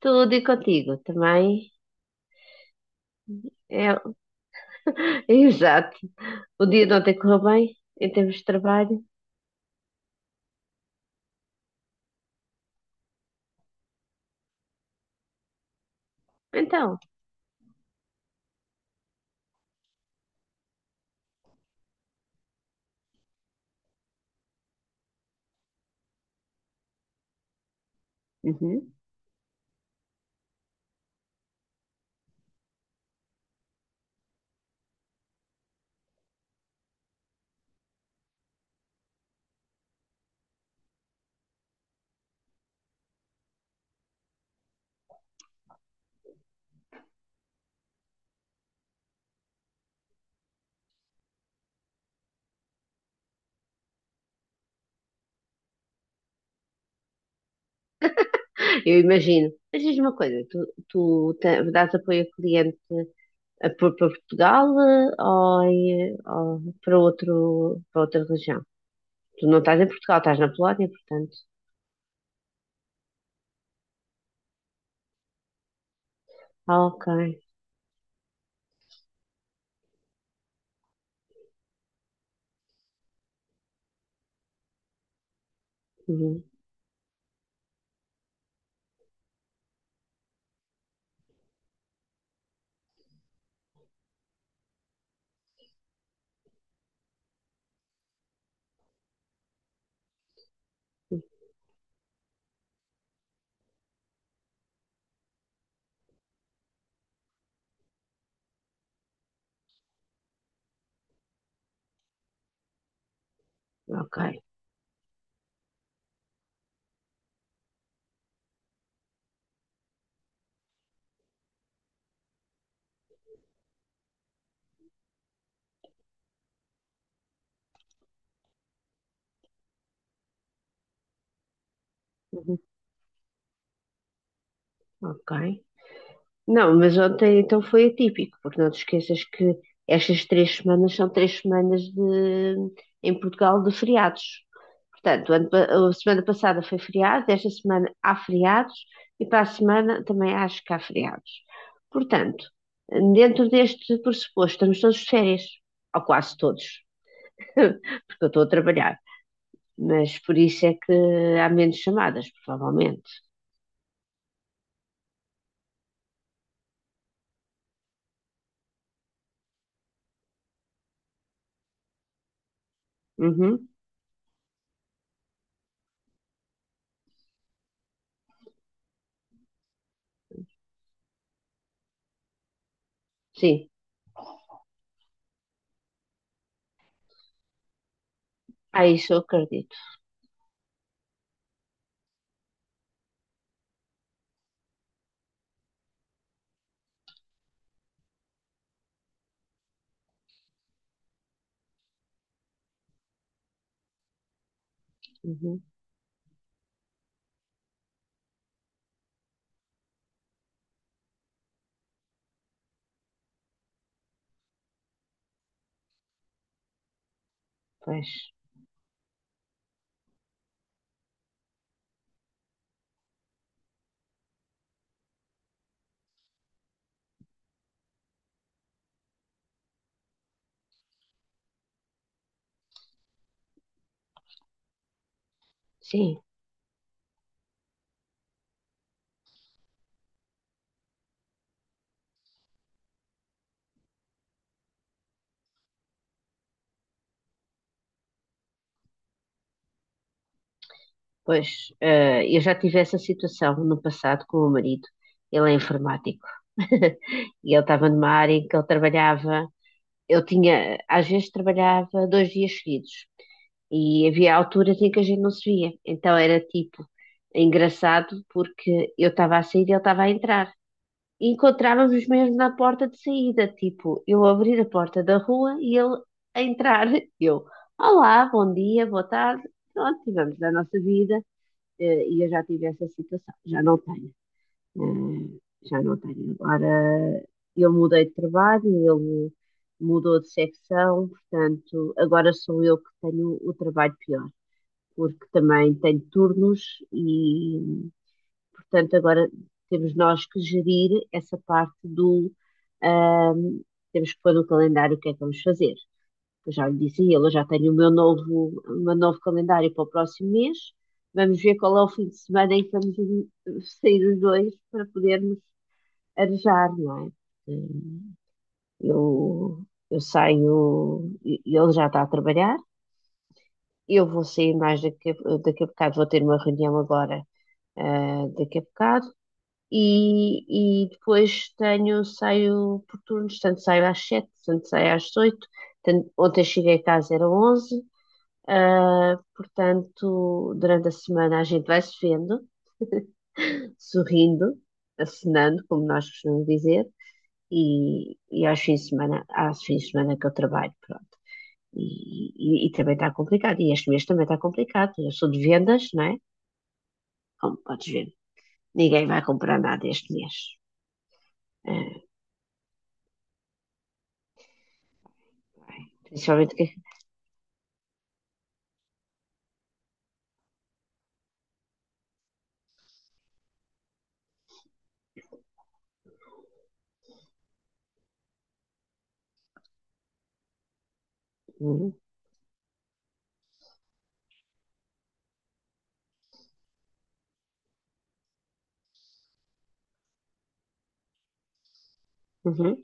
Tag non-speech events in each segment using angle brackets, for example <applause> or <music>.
Tudo e contigo também. É, <laughs> exato. O dia de ontem correu bem, em termos de trabalho. Então, uhum, eu imagino. Mas diz uma coisa, tu dás apoio ao cliente para Portugal eh, ou, ou para para outra região? Tu não estás em Portugal, estás na Polónia, portanto. Ah, ok. Uhum, ok. Uhum, ok. Não, mas ontem então foi atípico, porque não te esqueças que estas três semanas são três semanas em Portugal de feriados. Portanto, a semana passada foi feriado, esta semana há feriados e para a semana também acho que há feriados. Portanto, dentro deste pressuposto, estamos todos de férias, ou quase todos, <laughs> porque eu estou a trabalhar. Mas por isso é que há menos chamadas, provavelmente. Uhum. Sim, ah, isso eu acredito. Uhum. Pois, sim, pois, eh, eu já tive essa situação no passado com o meu marido. Ele é informático. <laughs> E ele estava numa área em que ele trabalhava. Eu tinha, às vezes, trabalhava dois dias seguidos. E havia alturas em que a gente não se via. Então era tipo engraçado porque eu estava a sair e ele estava a entrar. E encontrávamos mesmo na porta de saída, tipo, eu abrir a porta da rua e ele a entrar. <laughs> Eu, olá, bom dia, boa tarde. Pronto, tivemos a nossa vida, eh, e eu já tive essa situação, já não tenho, eh, já não tenho Agora eu mudei de trabalho, ele mudou de secção, portanto, agora sou eu que tenho o trabalho pior, porque também tenho turnos. Portanto, agora temos nós que gerir essa parte do. ahm, Temos que pôr no calendário o que é que vamos fazer. Eu já lhe disse a ele, eu já tenho o meu novo calendário para o próximo mês. Vamos ver qual é o fim de semana em que vamos, eh, sair os dois para podermos arejar, não é? Hum. Eu, eu saio, e ele já está a trabalhar. Eu vou sair mais daqui, daqui a bocado, vou ter uma reunião agora, ah, daqui a bocado. E depois saio por turnos, tanto saio às sete, tanto saio às oito, ontem cheguei a casa era onze. Ah, portanto, durante a semana a gente vai se vendo, sorrindo, acenando, como nós costumamos dizer. E aos fins de semana que eu trabalho, pronto. E, e também está complicado, e este mês também está complicado, eu sou de vendas, não é? Como podes ver, ninguém vai comprar nada este mês. Ah. Principalmente que. Hum. Uhum,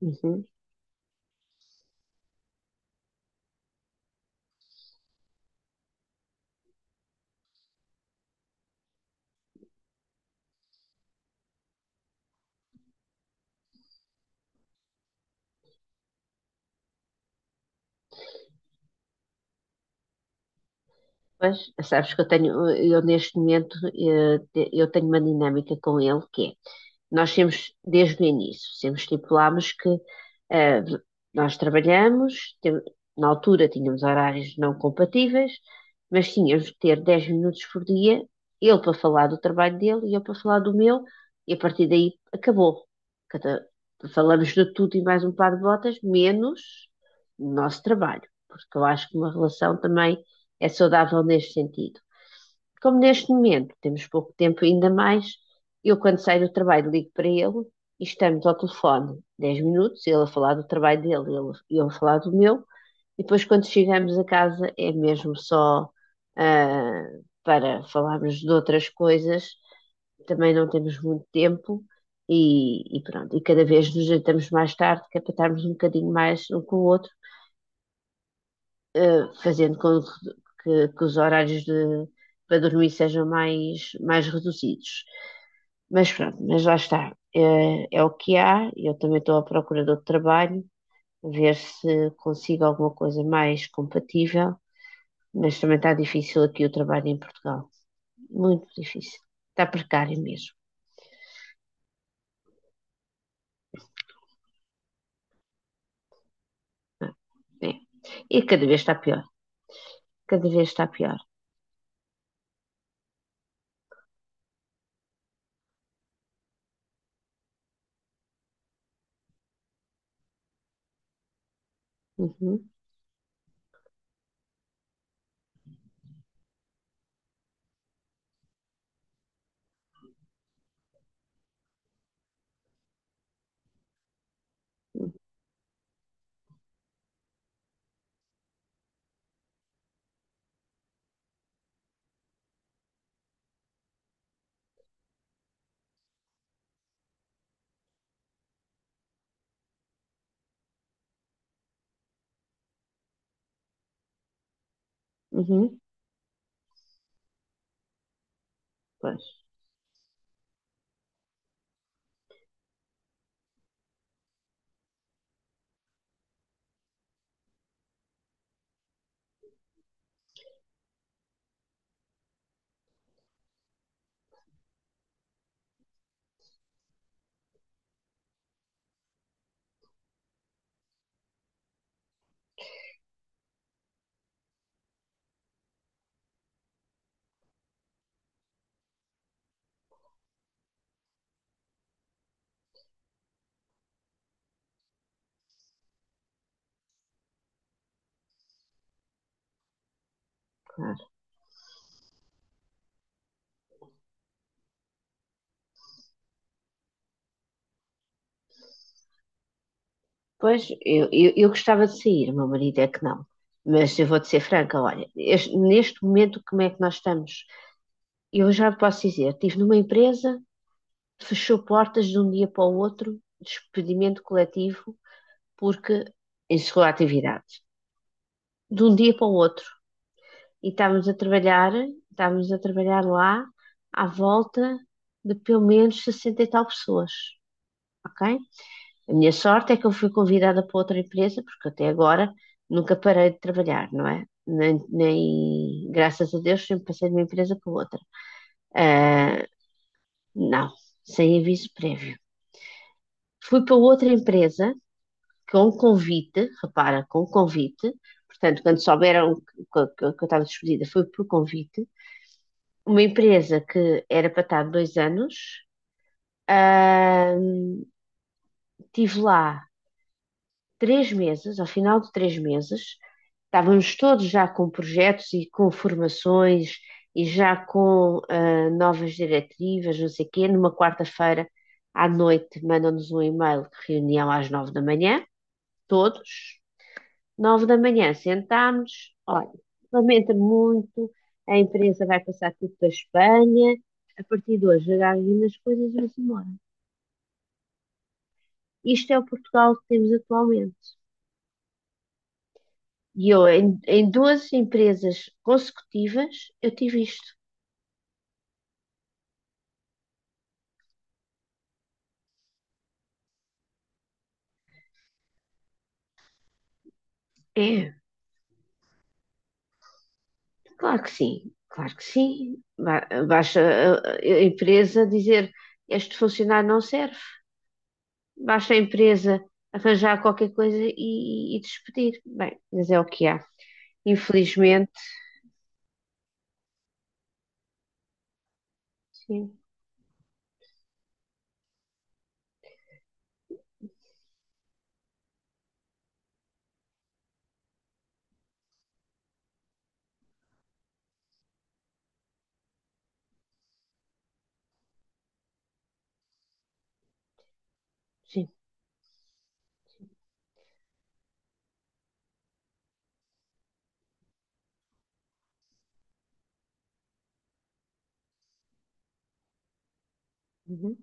uhum. Mas sabes que eu tenho, eu neste momento, eh, eu tenho uma dinâmica com ele que é, nós temos desde o início, sempre estipulámos que, eh, nós trabalhamos, na altura tínhamos horários não compatíveis, mas tínhamos que ter 10 minutos por dia, ele para falar do trabalho dele e eu para falar do meu, e a partir daí acabou. Cada- Falamos de tudo e mais um par de botas, menos o nosso trabalho, porque eu acho que uma relação também é saudável neste sentido. Como neste momento temos pouco tempo ainda mais, eu quando saio do trabalho ligo para ele e estamos ao telefone 10 minutos, ele a falar do trabalho dele, e eu a falar do meu, e depois quando chegamos a casa é mesmo só, ah, para falarmos de outras coisas, também não temos muito tempo. E pronto, e cada vez nos jantamos mais tarde, que é para estarmos um bocadinho mais um com o outro, eh, fazendo com que os horários para dormir sejam mais reduzidos. Mas pronto, mas lá está. Eh, é, o que há. Eu também estou à procura de outro trabalho, ver se consigo alguma coisa mais compatível, mas também está difícil aqui o trabalho em Portugal. Muito difícil. Está precário mesmo. Ah, é. E cada vez está pior. Cada vez está pior. Uhum, uhum, uhum. Pois, claro. Pois, eu gostava de sair, o meu marido é que não. Mas eu vou-te ser franca, olha, neste momento como é que nós estamos? Eu já posso dizer, estive numa empresa, fechou portas de um dia para o outro, despedimento coletivo, porque encerrou a atividade. De um dia para o outro. E estávamos a trabalhar lá, à volta de pelo menos 60 e tal pessoas, ok? A minha sorte é que eu fui convidada para outra empresa, porque até agora nunca parei de trabalhar, não é? Graças a Deus, sempre passei de uma empresa para outra. Ah, não, sem aviso prévio. Fui para outra empresa com convite, repara, com convite. Portanto, quando souberam que, que eu estava despedida, foi por convite. Uma empresa que era para estar 2 anos. Ah, estive lá 3 meses, ao final de 3 meses, estávamos todos já com projetos e com formações e já com, ah, novas diretivas, não sei o quê. Numa quarta-feira à noite mandam-nos um e-mail, de reunião às 9 da manhã, todos, 9 da manhã, sentámos, olha, lamenta muito, a imprensa vai passar tudo para a Espanha, a partir de hoje agarrem nas coisas e vamos embora. Isto é o Portugal que temos atualmente. E eu em duas empresas consecutivas, eu tive isto. É, claro que sim, claro que sim. Basta a empresa dizer este funcionário não serve, basta a empresa arranjar qualquer coisa e despedir. Bem, mas é o que há. Infelizmente, sim, sim. Uhum.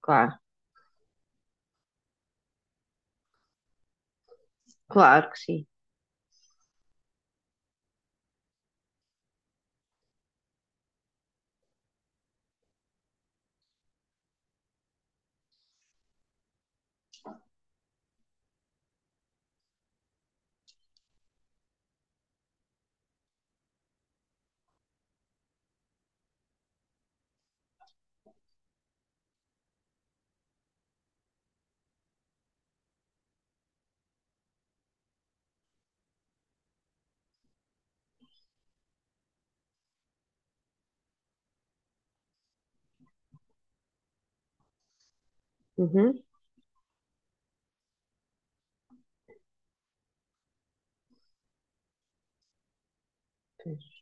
Claro, claro que sim. Uhum. Pois.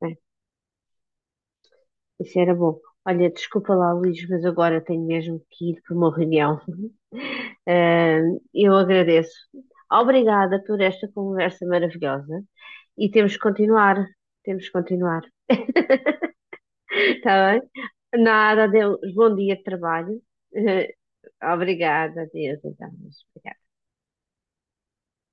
Bem, isso era bom. Olha, desculpa lá, Luís, mas agora tenho mesmo que ir para uma reunião. Eu agradeço. Obrigada por esta conversa maravilhosa e temos que continuar. Temos que continuar. <laughs> Está bem? Nada, adeus. Bom dia de trabalho. <laughs> Obrigada, adeus. Então, obrigada.